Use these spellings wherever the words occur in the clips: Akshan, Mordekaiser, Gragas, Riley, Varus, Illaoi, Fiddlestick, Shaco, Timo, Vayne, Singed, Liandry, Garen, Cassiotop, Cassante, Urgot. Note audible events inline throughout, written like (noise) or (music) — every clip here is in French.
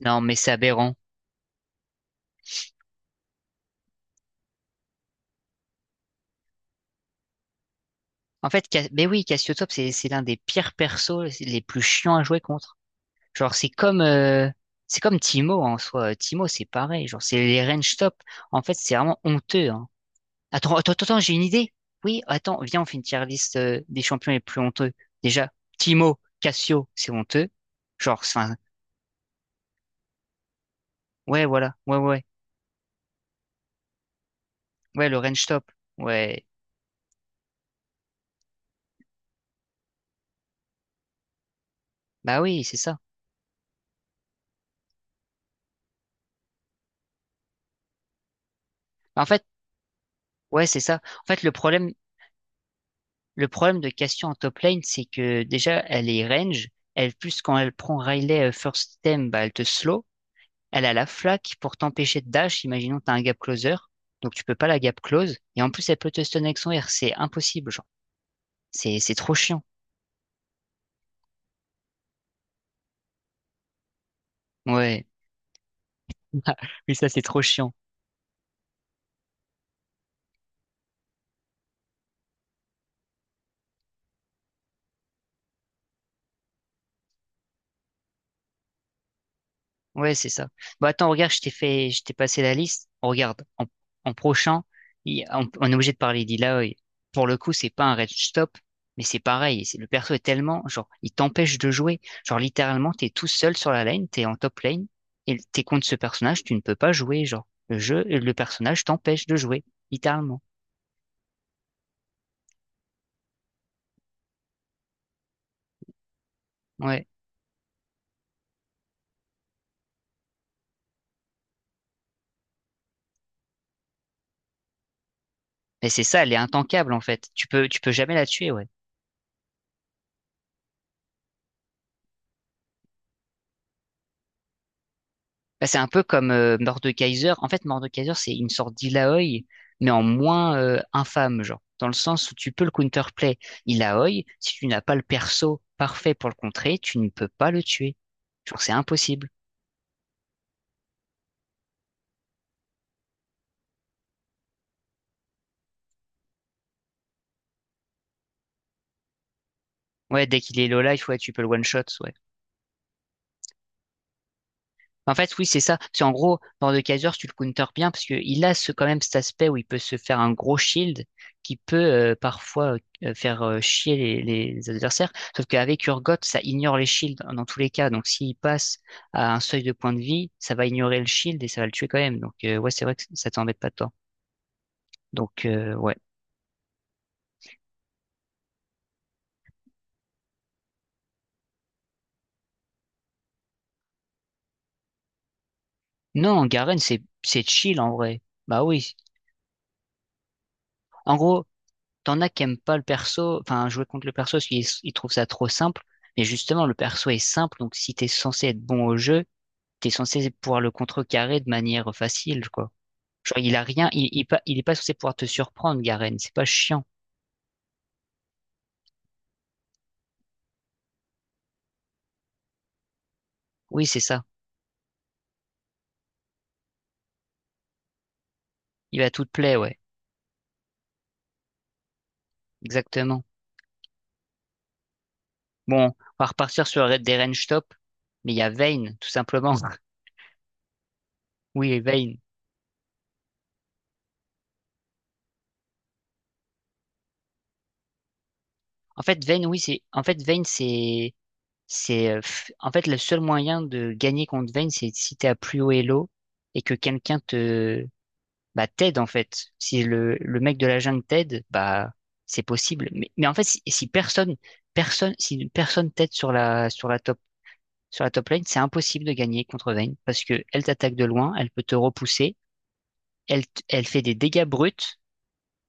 Non, mais c'est aberrant. En fait, Cas- mais oui, Cassiotop, c'est l'un des pires persos, c'est les plus chiants à jouer contre. Genre, c'est comme Timo en soi. Timo, c'est pareil. Genre, c'est les range top. En fait, c'est vraiment honteux, hein. Attends, j'ai une idée. Oui, attends, viens, on fait une tier list des champions les plus honteux. Déjà, Timo, Cassio, c'est honteux. Genre, c'est- enfin, ouais, voilà, ouais, ouais, ouais, le range top, ouais. Bah oui, c'est ça. En fait, ouais, c'est ça. En fait, le problème. Le problème de Cassio en top lane, c'est que déjà, elle est range. Elle, plus quand elle prend Riley first item, bah, elle te slow. Elle a la flaque pour t'empêcher de dash. Imaginons que t'as un gap closer. Donc, tu peux pas la gap close. Et en plus, elle peut te stun avec son R. C'est impossible, genre. C'est trop chiant. Ouais. (laughs) Oui, ça, c'est trop chiant. Ouais, c'est ça. Bah attends, regarde, je t'ai passé la liste. Regarde, en prochain, on est obligé de parler d'Illaoi. Pour le coup, c'est pas un red stop, mais c'est pareil. C'est- Le perso est tellement, genre, il t'empêche de jouer. Genre, littéralement, t'es tout seul sur la lane, t'es en top lane, et t'es contre ce personnage, tu ne peux pas jouer. Genre, le jeu, le personnage t'empêche de jouer, littéralement. Ouais. Mais c'est ça, elle est intankable, en fait. Tu peux jamais la tuer, ouais. Bah, c'est un peu comme Mordekaiser. En fait, Mordekaiser, c'est une sorte d'Illaoi, mais en moins infâme, genre. Dans le sens où tu peux le counterplay Illaoi, si tu n'as pas le perso parfait pour le contrer, tu ne peux pas le tuer. Genre, c'est impossible. Ouais, dès qu'il est low life, ouais, tu peux le one shot, ouais. En fait, oui, c'est ça. C'est en gros, Lord de Kaiser, tu le counter bien parce qu'il a ce, quand même cet aspect où il peut se faire un gros shield qui peut parfois faire chier les adversaires. Sauf qu'avec Urgot, ça ignore les shields dans tous les cas. Donc s'il passe à un seuil de points de vie, ça va ignorer le shield et ça va le tuer quand même. Donc ouais, c'est vrai que ça t'embête pas tant. Donc ouais. Non, Garen, c'est chill en vrai. Bah oui. En gros, T'en as qui aiment pas le perso, enfin jouer contre le perso parce qu'ils trouvent ça trop simple. Mais justement, le perso est simple, donc si t'es censé être bon au jeu, t'es censé pouvoir le contrecarrer de manière facile, quoi. Genre, il a rien, il est pas censé pouvoir te surprendre, Garen. C'est pas chiant. Oui, c'est ça. Il va tout te plaire, ouais. Exactement. Bon, on va repartir sur des range top, mais il y a Vayne, tout simplement. (laughs) Oui, Vayne. En fait, Vayne, c'est le seul moyen de gagner contre Vayne, c'est si t'es à plus haut elo et que bah, t'aide, en fait. Si le mec de la jungle t'aide, bah, c'est possible. Mais en fait, si personne, si personne t'aide sur sur la top lane, c'est impossible de gagner contre Vayne parce que elle t'attaque de loin, elle peut te repousser, elle fait des dégâts bruts.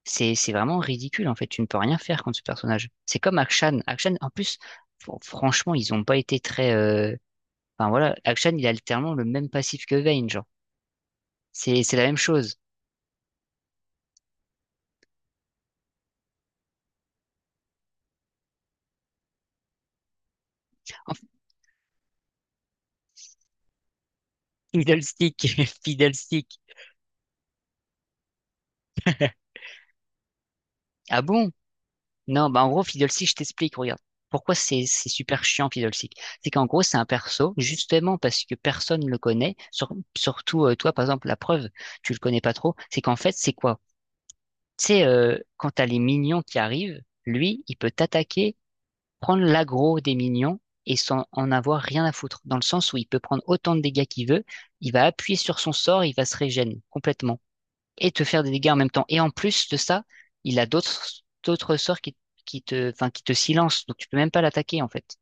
C'est vraiment ridicule, en fait. Tu ne peux rien faire contre ce personnage. C'est comme Akshan. Akshan, en plus, franchement, ils ont pas été très, enfin voilà, Akshan il a littéralement le même passif que Vayne, genre. C'est la même chose. En fait, Fiddlestick, (laughs) Fiddlestick. Ah bon? Non, bah en gros, Fiddlestick, je t'explique, regarde. Pourquoi c'est super chiant, Fiddlestick? C'est qu'en gros, c'est un perso, justement parce que personne ne le connaît, surtout toi, par exemple, la preuve, tu le connais pas trop, c'est qu'en fait, c'est quoi? Tu sais, quand t'as les minions qui arrivent, lui, il peut t'attaquer prendre l'aggro des minions et sans en avoir rien à foutre, dans le sens où il peut prendre autant de dégâts qu'il veut, il va appuyer sur son sort, il va se régénérer complètement et te faire des dégâts en même temps. Et en plus de ça, il a d'autres sorts qui te, enfin, qui te silencent, donc tu peux même pas l'attaquer en fait.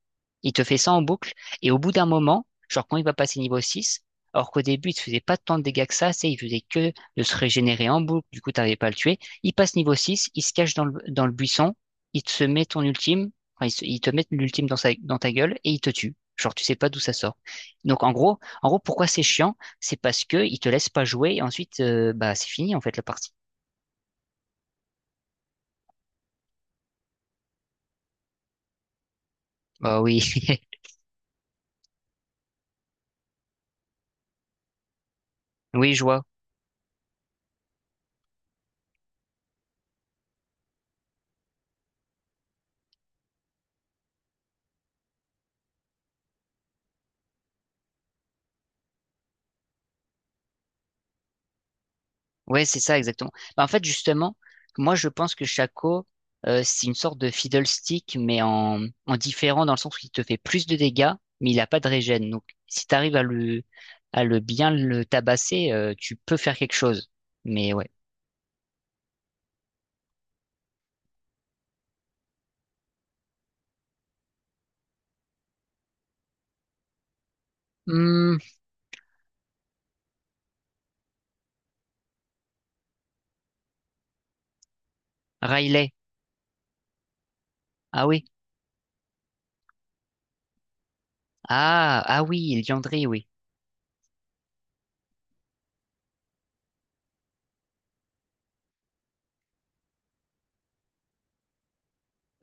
Il te fait ça en boucle, et au bout d'un moment, genre quand il va passer niveau 6 alors qu'au début il te faisait pas tant de dégâts que ça, c'est il faisait que de se régénérer en boucle, du coup t'arrivais pas à le tuer, il passe niveau 6 il se cache dans dans le buisson, il te se met ton ultime, enfin, il, se- il te met l'ultime dans, dans ta gueule, et il te tue. Genre tu sais pas d'où ça sort. Donc en gros pourquoi c'est chiant? C'est parce que ils te laissent pas jouer et ensuite bah c'est fini en fait la partie. Bah oui, (laughs) oui, je vois. Ouais, c'est ça exactement. Bah, en fait, justement, moi je pense que Shaco, c'est une sorte de fiddlestick, mais en différent dans le sens où il te fait plus de dégâts, mais il a pas de régène. Donc si tu arrives à le bien le tabasser, tu peux faire quelque chose. Mais ouais. Hmm, Riley. Ah oui. Ah oui, il Liandry, oui.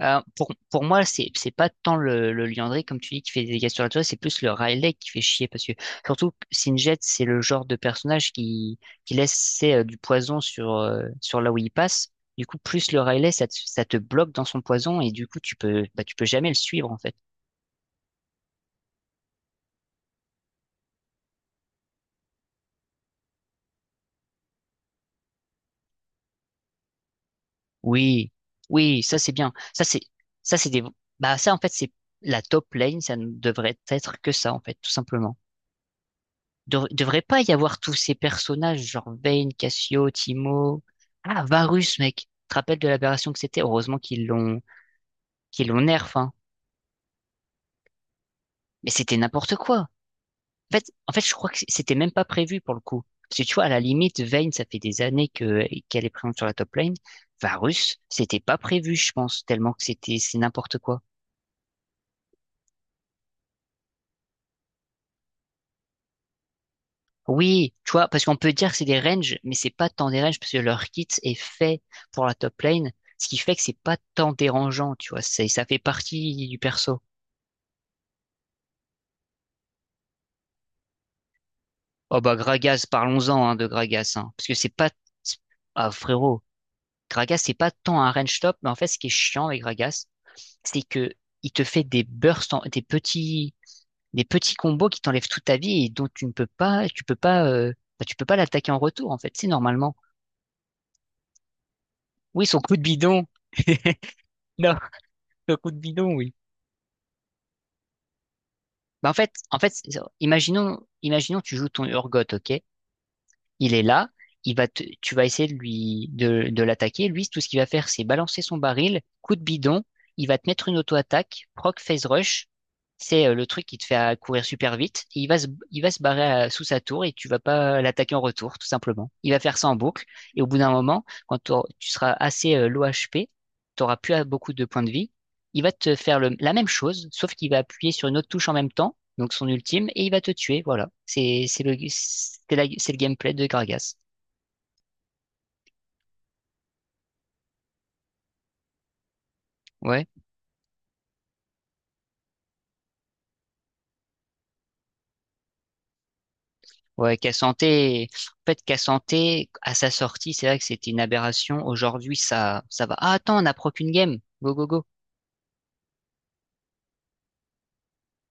Pour moi, c'est pas tant le Liandry, comme tu dis, qui fait des dégâts sur la toile, c'est plus le Riley qui fait chier, parce que surtout, que Singed, c'est le genre de personnage qui laisse c'est, du poison sur, sur là où il passe. Du coup, plus le Riley, ça te bloque dans son poison, et du coup, tu peux, bah, tu peux jamais le suivre, en fait. Oui, oui, ça c'est bien. Ça c'est des, ça en fait, c'est la top lane, ça ne devrait être que ça, en fait, tout simplement. Devrait pas y avoir tous ces personnages, genre Vayne, Cassio, Timo. Ah, Varus, mec. Tu te rappelles de l'aberration que c'était? Heureusement qu'ils l'ont nerf, hein. Mais c'était n'importe quoi. En fait, je crois que c'était même pas prévu pour le coup. Parce que tu vois, à la limite, Vayne, ça fait des années qu'elle est présente sur la top lane. Varus, c'était pas prévu, je pense, tellement que c'était, c'est n'importe quoi. Oui, tu vois, parce qu'on peut dire que c'est des ranges, mais c'est pas tant des ranges parce que leur kit est fait pour la top lane, ce qui fait que c'est pas tant dérangeant, tu vois, c'est, ça fait partie du perso. Oh bah Gragas, parlons-en hein, de Gragas, hein, parce que c'est pas... Ah frérot, Gragas c'est pas tant un range top, mais en fait ce qui est chiant avec Gragas, c'est que il te fait des bursts, des petits combos qui t'enlèvent toute ta vie et dont tu peux pas, bah, tu peux pas l'attaquer en retour en fait, c'est normalement. Oui, son coup de bidon. (laughs) Non. Un coup de bidon, oui. Bah en fait, c'est- imaginons tu joues ton Urgot, ok? Il est là, tu vas essayer de l'attaquer. Lui, tout ce qu'il va faire, c'est balancer son baril, coup de bidon, il va te mettre une auto-attaque, proc phase rush. C'est le truc qui te fait courir super vite. Et il va se barrer sous sa tour et tu vas pas l'attaquer en retour, tout simplement. Il va faire ça en boucle. Et au bout d'un moment, quand tu seras assez low HP, tu n'auras plus beaucoup de points de vie. Il va te faire la même chose, sauf qu'il va appuyer sur une autre touche en même temps donc son ultime, et il va te tuer, voilà. C'est le gameplay de Gragas. Ouais, ouais, Cassante, Cassante, à sa sortie, c'est vrai que c'était une aberration. Aujourd'hui, ça va. Ah, attends, on n'a pro qu'une game. Go, go, go.